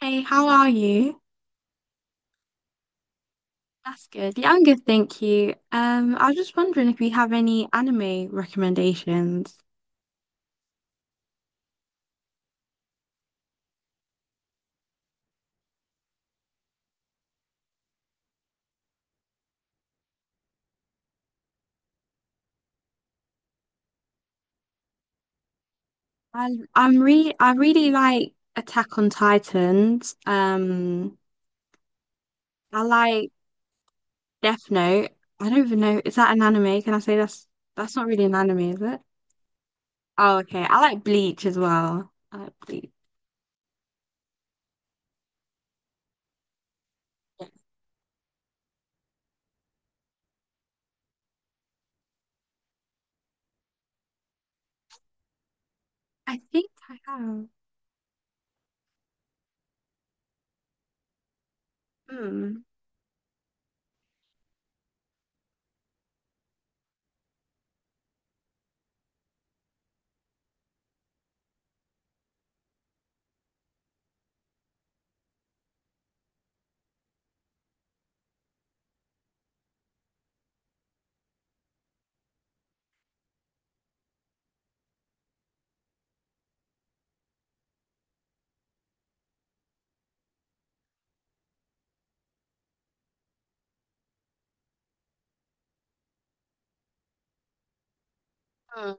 Hey, how are you? That's good. Yeah, I'm good, thank you. I was just wondering if you have any anime recommendations. I I really like Attack on Titans. I like Death Note. I don't even know, is that an anime? Can I say that's not really an anime, is it? Oh, okay. I like Bleach as well. I like Bleach. I think I have. Hmm. Hmm.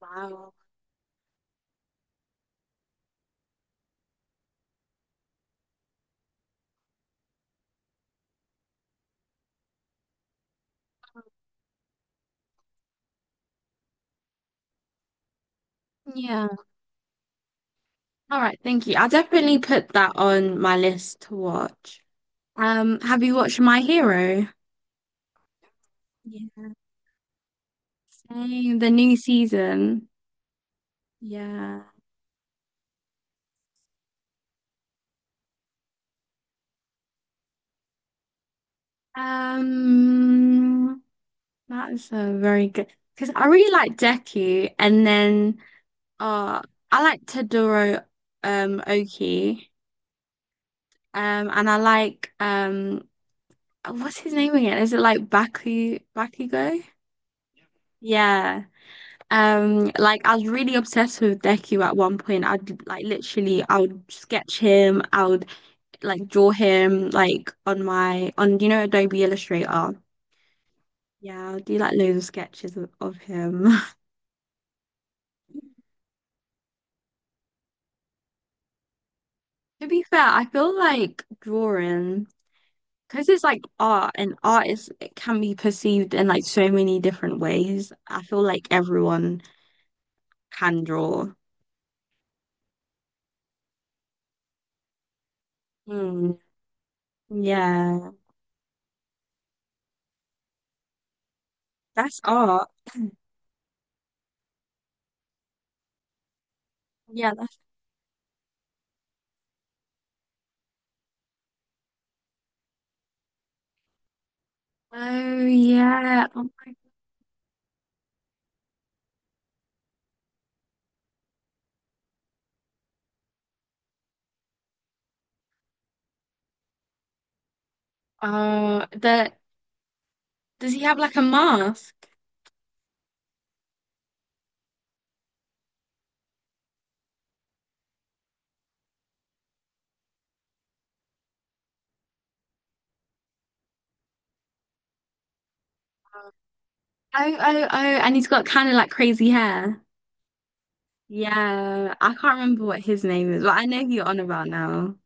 Wow. Yeah. All right, thank you. I'll definitely put that on my list to watch. Have you watched My Hero? Yes. Same, the new season. Yeah. Um, that's a very good Because I really like Deku, and then uh, I like Todoroki, Oki, and I like what's his name again? Is it like Bakugo? Yeah. Like I was really obsessed with Deku at one point. I'd like literally, I would sketch him. I would like draw him like on my on you know Adobe Illustrator. Yeah, I'll do like loads of sketches of him. To be fair, I feel like drawing because it's like art and art is it can be perceived in like so many different ways. I feel like everyone can draw. Hmm. Yeah, that's art. Yeah, that's oh yeah. Oh, the Does he have like a mask? Oh oh oh, and he's got kind of like crazy hair. Yeah, I can't remember what his name is, but I know who you're on about now.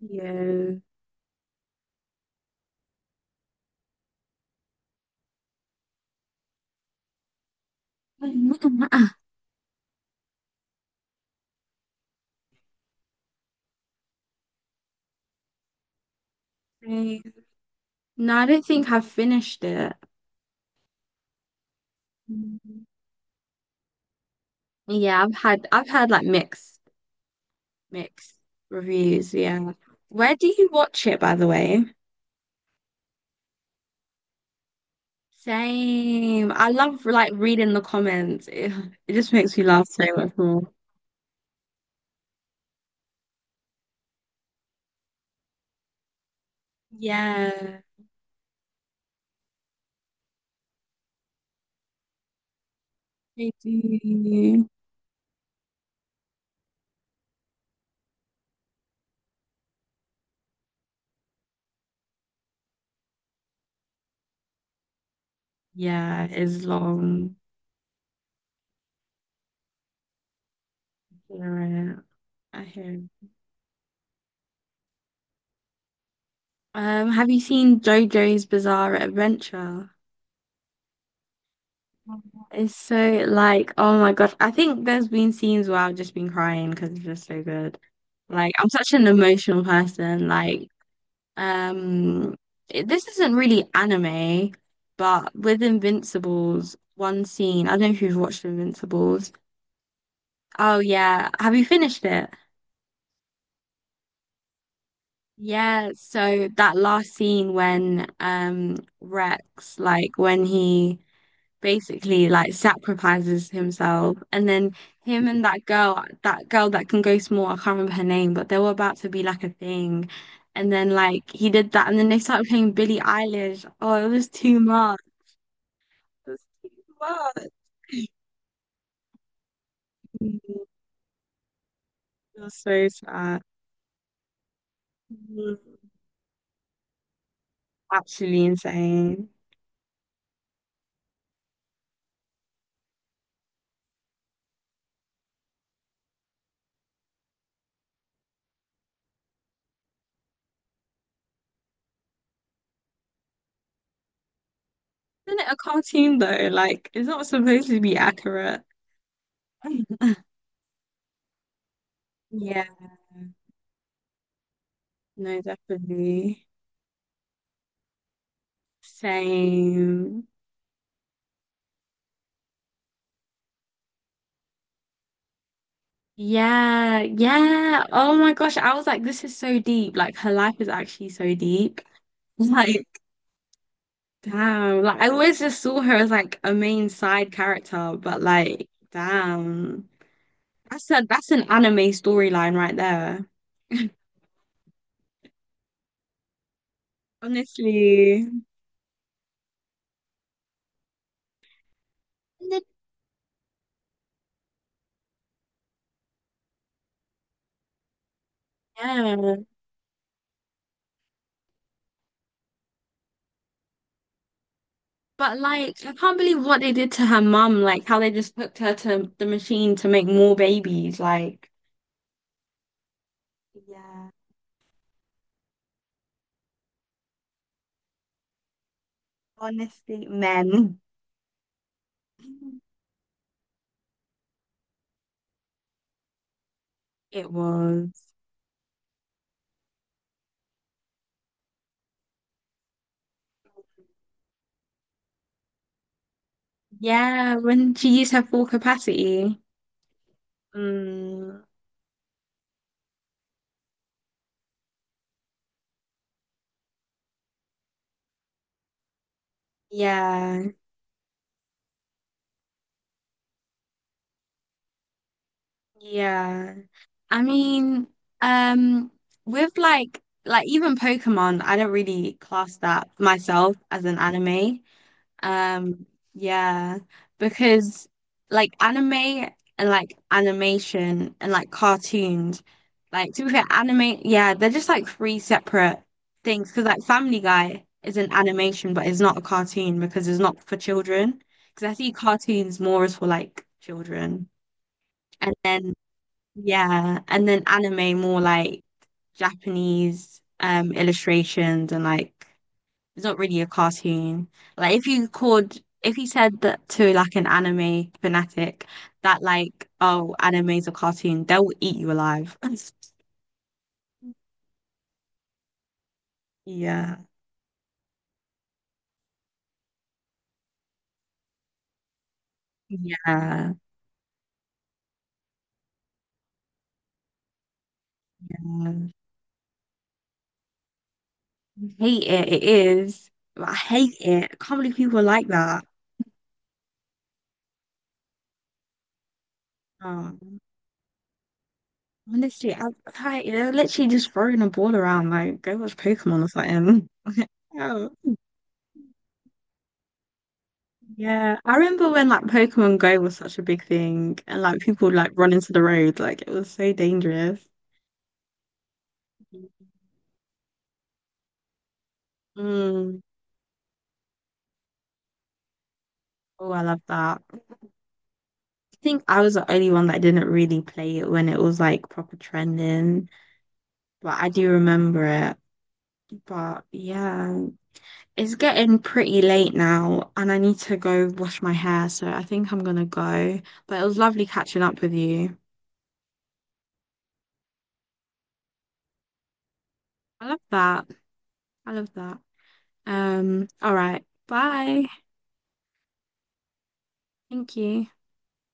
Yeah. Right. No, I don't think I've finished it. Mhm. Yeah, I've had like mixed reviews, yeah. Where do you watch it, by the way? Same. I love like reading the comments. It just makes me laugh so much more. Yeah, I do. Yeah, it's long. Yeah, I hear have you seen JoJo's Bizarre Adventure? It's so like, oh my gosh. I think there's been scenes where I've just been crying because it's just so good. Like, I'm such an emotional person. Like, um, it- this isn't really anime, but with Invincibles, one scene, I don't know if you've watched Invincibles. Oh yeah. Have you finished it? Yeah, so that last scene when Rex, like when he basically like sacrifices himself and then him and that girl that can go small, I can't remember her name, but they were about to be like a thing and then like he did that and then they started playing Billie Eilish, oh it was too much, it was too much. Mm, it was so sad. Mm, absolutely insane. Isn't it a cartoon though? Like it's not supposed to be accurate. Yeah. No, definitely. Same. Yeah, yeah. Oh my gosh, I was like, this is so deep. Like her life is actually so deep. Like, damn. Like I always just saw her as like a main side character, but like, damn. That's a that's an anime storyline right there. Honestly. And then- Yeah. But like I can't believe what they did to her mum, like how they just hooked her to the machine to make more babies. Like, yeah. Honestly, men. It was. Yeah, when she used her full capacity. Mm, yeah, yeah. I mean, um, with like even Pokemon, I don't really class that myself as an anime. Um, yeah, because like anime and like animation and like cartoons, like to be fair, anime, yeah, they're just like three separate things. Because like Family Guy is an animation, but it's not a cartoon because it's not for children. Because I see cartoons more as for like children, and then yeah, and then anime more like Japanese illustrations and like. It's not really a cartoon. Like if you said that to like an anime fanatic that like, oh, anime's a cartoon, they'll eat you alive. Yeah. Yeah. Yeah. Hate it. It is. I hate it. I can't believe people are like that. Um, honestly, they're literally just throwing a ball around like go watch Pokemon or something. Yeah. Yeah, I remember when like Pokemon Go was such a big thing and like people would, like run into the road, like it was so dangerous. Mm. Oh, I love that. I think I was the only one that didn't really play it when it was like proper trending, but I do remember it. But yeah, it's getting pretty late now and I need to go wash my hair, so I think I'm gonna go. But it was lovely catching up with you. I love that. I love that. All right. Bye. Thank you.